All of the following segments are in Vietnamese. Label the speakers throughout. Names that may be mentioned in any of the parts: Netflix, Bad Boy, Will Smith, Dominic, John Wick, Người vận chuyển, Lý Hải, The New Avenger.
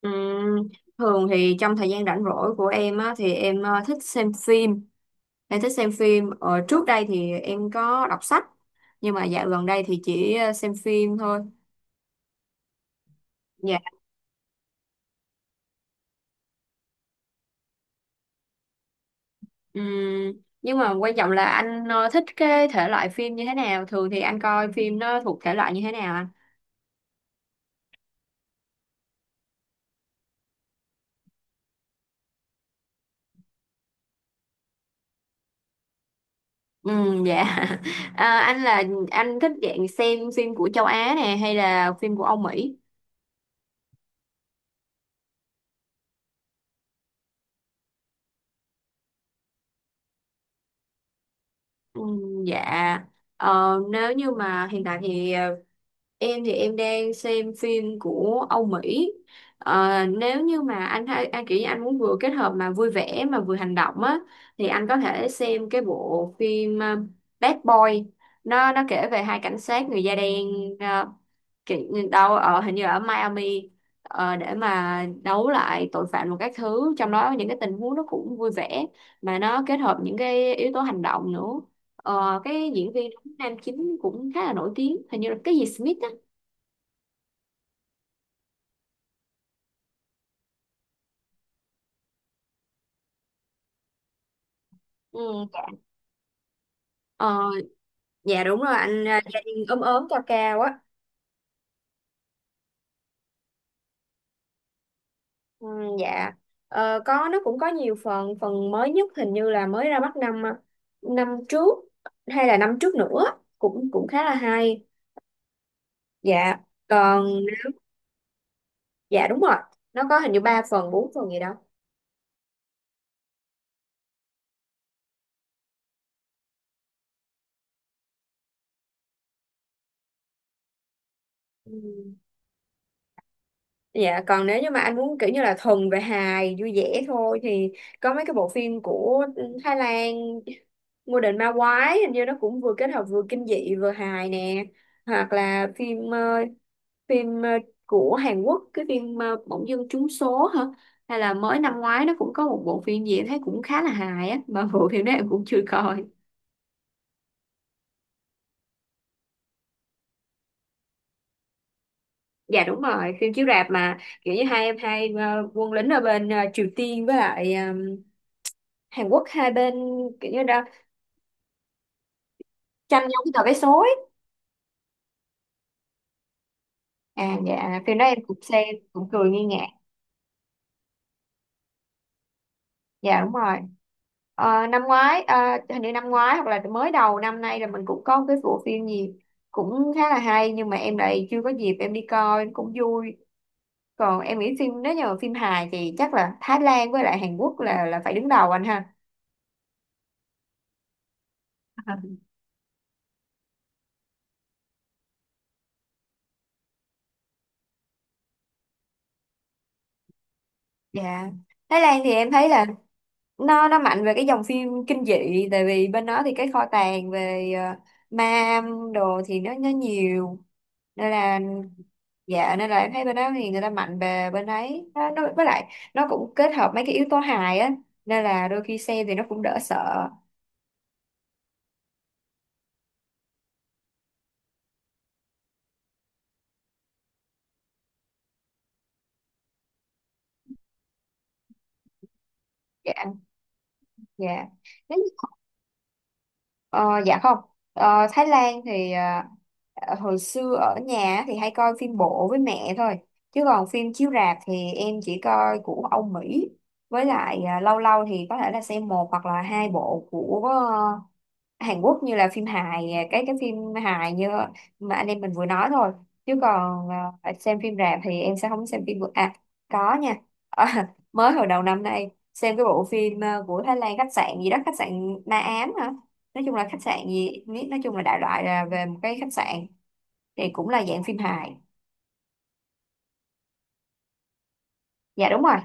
Speaker 1: Ừm, Thường thì trong thời gian rảnh rỗi của em á, thì em thích xem phim. Em thích xem phim. Ờ, Trước đây thì em có đọc sách, nhưng mà dạo gần đây thì chỉ xem phim thôi. Dạ. Ừm, nhưng mà quan trọng là anh thích cái thể loại phim như thế nào? Thường thì anh coi phim nó thuộc thể loại như thế nào anh? Dạ. Anh là anh thích dạng xem phim của châu Á nè hay là phim của Âu Mỹ? Dạ. Nếu như mà hiện tại thì em thì em đang xem phim của Âu Mỹ. Nếu như mà anh hay anh kiểu như anh muốn vừa kết hợp mà vui vẻ mà vừa hành động á, thì anh có thể xem cái bộ phim Bad Boy. Nó kể về hai cảnh sát người da đen, ờ, kiểu đâu ở hình như ở Miami, để mà đấu lại tội phạm một các thứ, trong đó những cái tình huống nó cũng vui vẻ mà nó kết hợp những cái yếu tố hành động nữa. Ờ, cái diễn viên nam chính cũng khá là nổi tiếng, hình như là cái gì Smith á. Ừ, dạ. Ờ, dạ đúng rồi anh, gia đình ốm ốm cao cao á. Ừ, dạ. Ờ, có nó cũng có nhiều phần, phần mới nhất hình như là mới ra mắt năm năm trước hay là năm trước nữa, cũng cũng khá là hay. Dạ. Còn dạ đúng rồi, nó có hình như ba phần bốn phần gì đó. Ừ. Dạ, còn nếu như mà anh muốn kiểu như là thuần về hài vui vẻ thôi, thì có mấy cái bộ phim của Thái Lan. Ngôi đền ma quái hình như nó cũng vừa kết hợp vừa kinh dị vừa hài nè, hoặc là phim phim của Hàn Quốc, cái phim Bỗng dưng trúng số hả, hay là mới năm ngoái nó cũng có một bộ phim gì em thấy cũng khá là hài á mà bộ phim đó em cũng chưa coi. Dạ đúng rồi, phim chiếu rạp mà kiểu như hai em hai quân lính ở bên Triều Tiên với lại Hàn Quốc, hai bên kiểu như đã tranh nhau cái tờ vé số ấy. À, dạ phim đó em cũng xem cũng cười nghi ngã. Dạ đúng rồi. Ờ, năm ngoái à, hình như năm ngoái hoặc là mới đầu năm nay là mình cũng có một cái bộ phim gì cũng khá là hay nhưng mà em lại chưa có dịp em đi coi, cũng vui. Còn em nghĩ phim nếu như mà phim hài thì chắc là Thái Lan với lại Hàn Quốc là phải đứng đầu anh ha. Dạ. Thái Lan thì em thấy là nó mạnh về cái dòng phim kinh dị, tại vì bên đó thì cái kho tàng về ma đồ thì nó nhiều, nên là dạ nên là em thấy bên đó thì người ta mạnh về bên ấy, nó, với lại nó cũng kết hợp mấy cái yếu tố hài á, nên là đôi khi xem thì nó cũng đỡ sợ. Dạ. Dạ. Ờ, dạ không. Ờ, Thái Lan thì à, hồi xưa ở nhà thì hay coi phim bộ với mẹ thôi. Chứ còn phim chiếu rạp thì em chỉ coi của Âu Mỹ. Với lại à, lâu lâu thì có thể là xem một hoặc là hai bộ của ờ, Hàn Quốc như là phim hài, à, cái phim hài như mà anh em mình vừa nói thôi. Chứ còn à, xem phim rạp thì em sẽ không xem phim vừa. À, có nha. Ờ, mới hồi đầu năm nay xem cái bộ phim à, của Thái Lan khách sạn gì đó, khách sạn Na Ám hả? Nói chung là khách sạn gì, nói chung là đại loại là về một cái khách sạn, thì cũng là dạng phim hài. Dạ đúng rồi.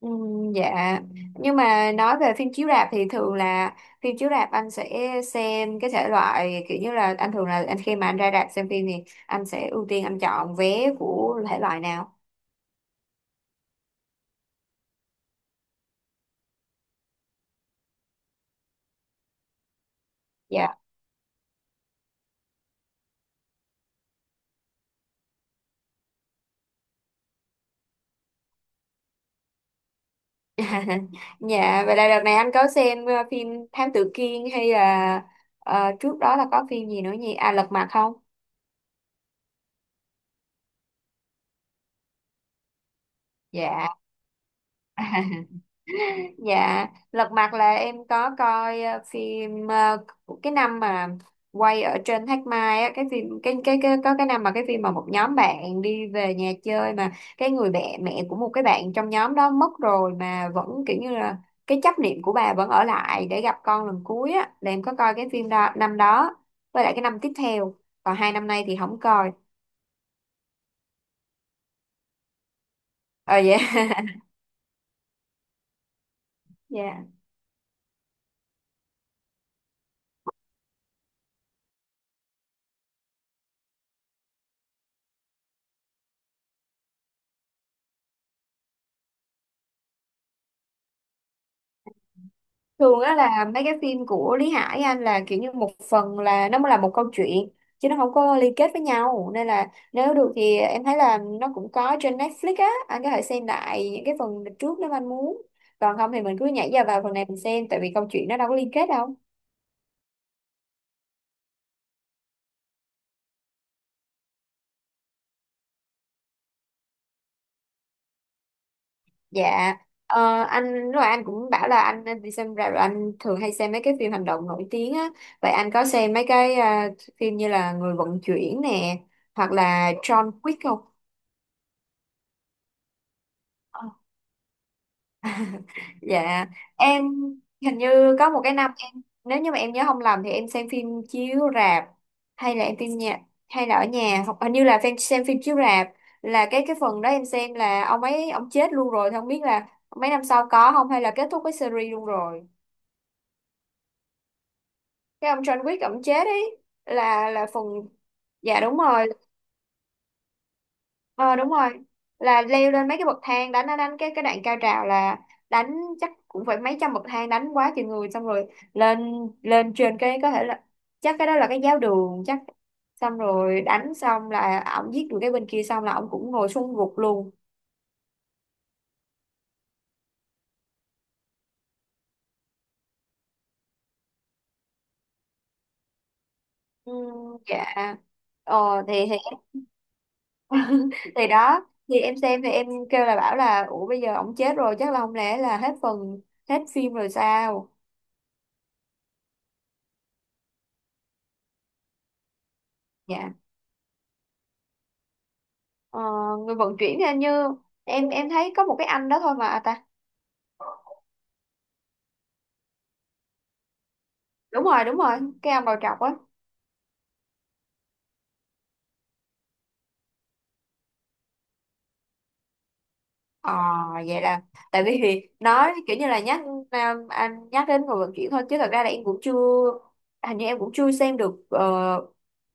Speaker 1: Dạ. Nhưng mà nói về phim chiếu rạp thì thường là phim chiếu rạp anh sẽ xem cái thể loại kiểu như là anh thường là anh khi mà anh ra rạp xem phim thì anh sẽ ưu tiên anh chọn vé của thể loại nào? Dạ. Dạ vậy là đợt này anh có xem phim Thám Tử Kiên hay là trước đó là có phim gì nữa nhỉ, à Lật Mặt không? Dạ. Dạ, Lật Mặt là em có coi phim của cái năm mà quay ở trên Thác Mai á, cái phim cái có cái năm mà cái phim mà một nhóm bạn đi về nhà chơi mà cái người mẹ mẹ của một cái bạn trong nhóm đó mất rồi mà vẫn kiểu như là cái chấp niệm của bà vẫn ở lại để gặp con lần cuối á, là em có coi cái phim đó năm đó với lại cái năm tiếp theo, còn hai năm nay thì không coi. Ờ vậy. Dạ. Thường á là mấy cái phim của Lý Hải anh là kiểu như một phần là nó mới là một câu chuyện chứ nó không có liên kết với nhau, nên là nếu được thì em thấy là nó cũng có trên Netflix á, anh có thể xem lại những cái phần trước nếu anh muốn, còn không thì mình cứ nhảy vào vào phần này mình xem, tại vì câu chuyện nó đâu có liên kết đâu. Dạ. Ờ, anh lúc nãy anh cũng bảo là anh đi xem rạp rồi anh thường hay xem mấy cái phim hành động nổi tiếng á, vậy anh có xem mấy cái à, phim như là Người vận chuyển nè hoặc là John Wick không? Dạ, em hình như có một cái năm em nếu như mà em nhớ không lầm thì em xem phim chiếu rạp hay là em phim nhà hay là ở nhà hoặc hình như là phim xem phim chiếu rạp, là cái phần đó em xem là ông ấy ông chết luôn rồi, thì không biết là mấy năm sau có không hay là kết thúc cái series luôn rồi. Cái ông John Wick ông chết ấy, là phần dạ đúng rồi ờ đúng rồi là leo lên mấy cái bậc thang đánh đánh đánh cái đoạn cao trào là đánh chắc cũng phải mấy trăm bậc thang đánh quá chừng người, xong rồi lên, lên trên cái có thể là chắc cái đó là cái giáo đường chắc, xong rồi đánh xong là ổng giết được cái bên kia, xong là ổng cũng ngồi xuống gục luôn. Ừ, dạ. Ờ thì thì đó thì em xem thì em kêu là bảo là ủa bây giờ ổng chết rồi chắc là không lẽ là hết phần, hết phim rồi sao. Dạ. Ờ, người vận chuyển thì hình như em thấy có một cái anh đó thôi mà à, ta đúng rồi cái ông đầu trọc á. Ờ vậy là tại vì thì nói kiểu như là nhắc à, anh nhắc đến người vận chuyển thôi chứ thật ra là em cũng chưa, hình như em cũng chưa xem được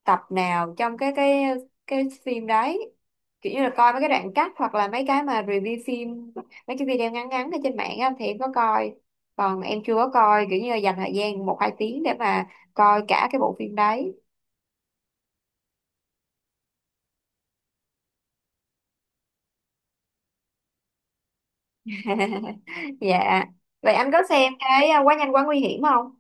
Speaker 1: tập nào trong cái phim đấy, kiểu như là coi mấy cái đoạn cắt hoặc là mấy cái mà review phim, mấy cái video ngắn ngắn ở trên mạng á, thì em có coi, còn em chưa có coi kiểu như là dành thời gian một hai tiếng để mà coi cả cái bộ phim đấy. Dạ vậy anh có xem cái à, quá nhanh quá nguy hiểm không?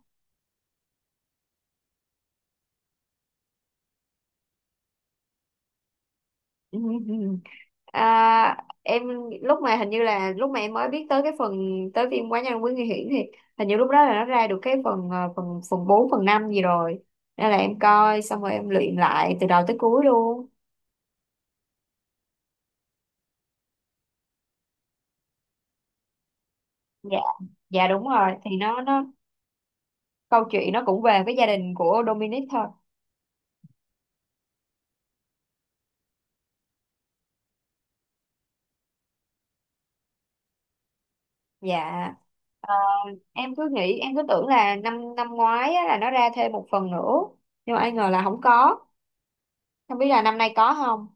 Speaker 1: À, em lúc mà hình như là lúc mà em mới biết tới cái phần tới phim quá nhanh quá nguy hiểm thì hình như lúc đó là nó ra được cái phần à, phần phần 4 phần 5 gì rồi, nên là em coi xong rồi em luyện lại từ đầu tới cuối luôn. Dạ. Dạ đúng rồi, thì nó câu chuyện nó cũng về cái gia đình của Dominic thôi. Dạ. Ờ, em cứ nghĩ em cứ tưởng là năm năm ngoái á, là nó ra thêm một phần nữa nhưng mà ai ngờ là không có. Không biết là năm nay có không?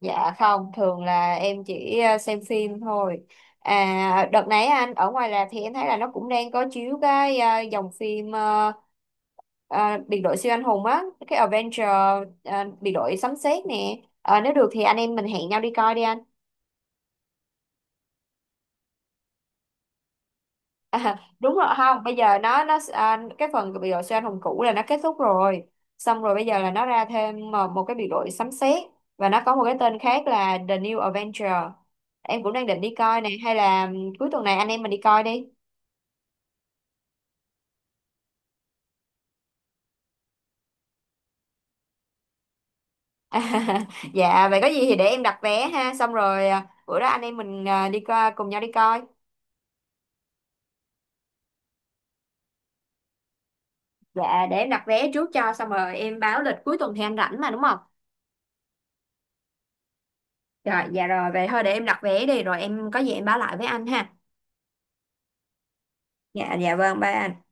Speaker 1: Dạ không, thường là em chỉ xem phim thôi. À, đợt nãy anh ở ngoài rạp thì em thấy là nó cũng đang có chiếu cái dòng phim biệt đội siêu anh hùng á, cái Avenger, biệt đội sấm sét nè. Ờ, nếu được thì anh em mình hẹn nhau đi coi đi anh. À, đúng rồi, không bây giờ nó à, cái phần biệt đội siêu anh hùng cũ là nó kết thúc rồi, xong rồi bây giờ là nó ra thêm một, cái biệt đội sấm sét, và nó có một cái tên khác là The New Avenger. Em cũng đang định đi coi này hay là ừ, cuối tuần này anh em mình đi coi đi. Dạ vậy có gì thì để em đặt vé ha, xong rồi à, bữa đó anh em mình à, đi coi, cùng nhau đi coi. Dạ để em đặt vé trước cho xong rồi em báo lịch, cuối tuần thì anh rảnh mà đúng không? Rồi dạ rồi vậy thôi để em đặt vé đi rồi em có gì em báo lại với anh ha. Dạ dạ vâng bye anh.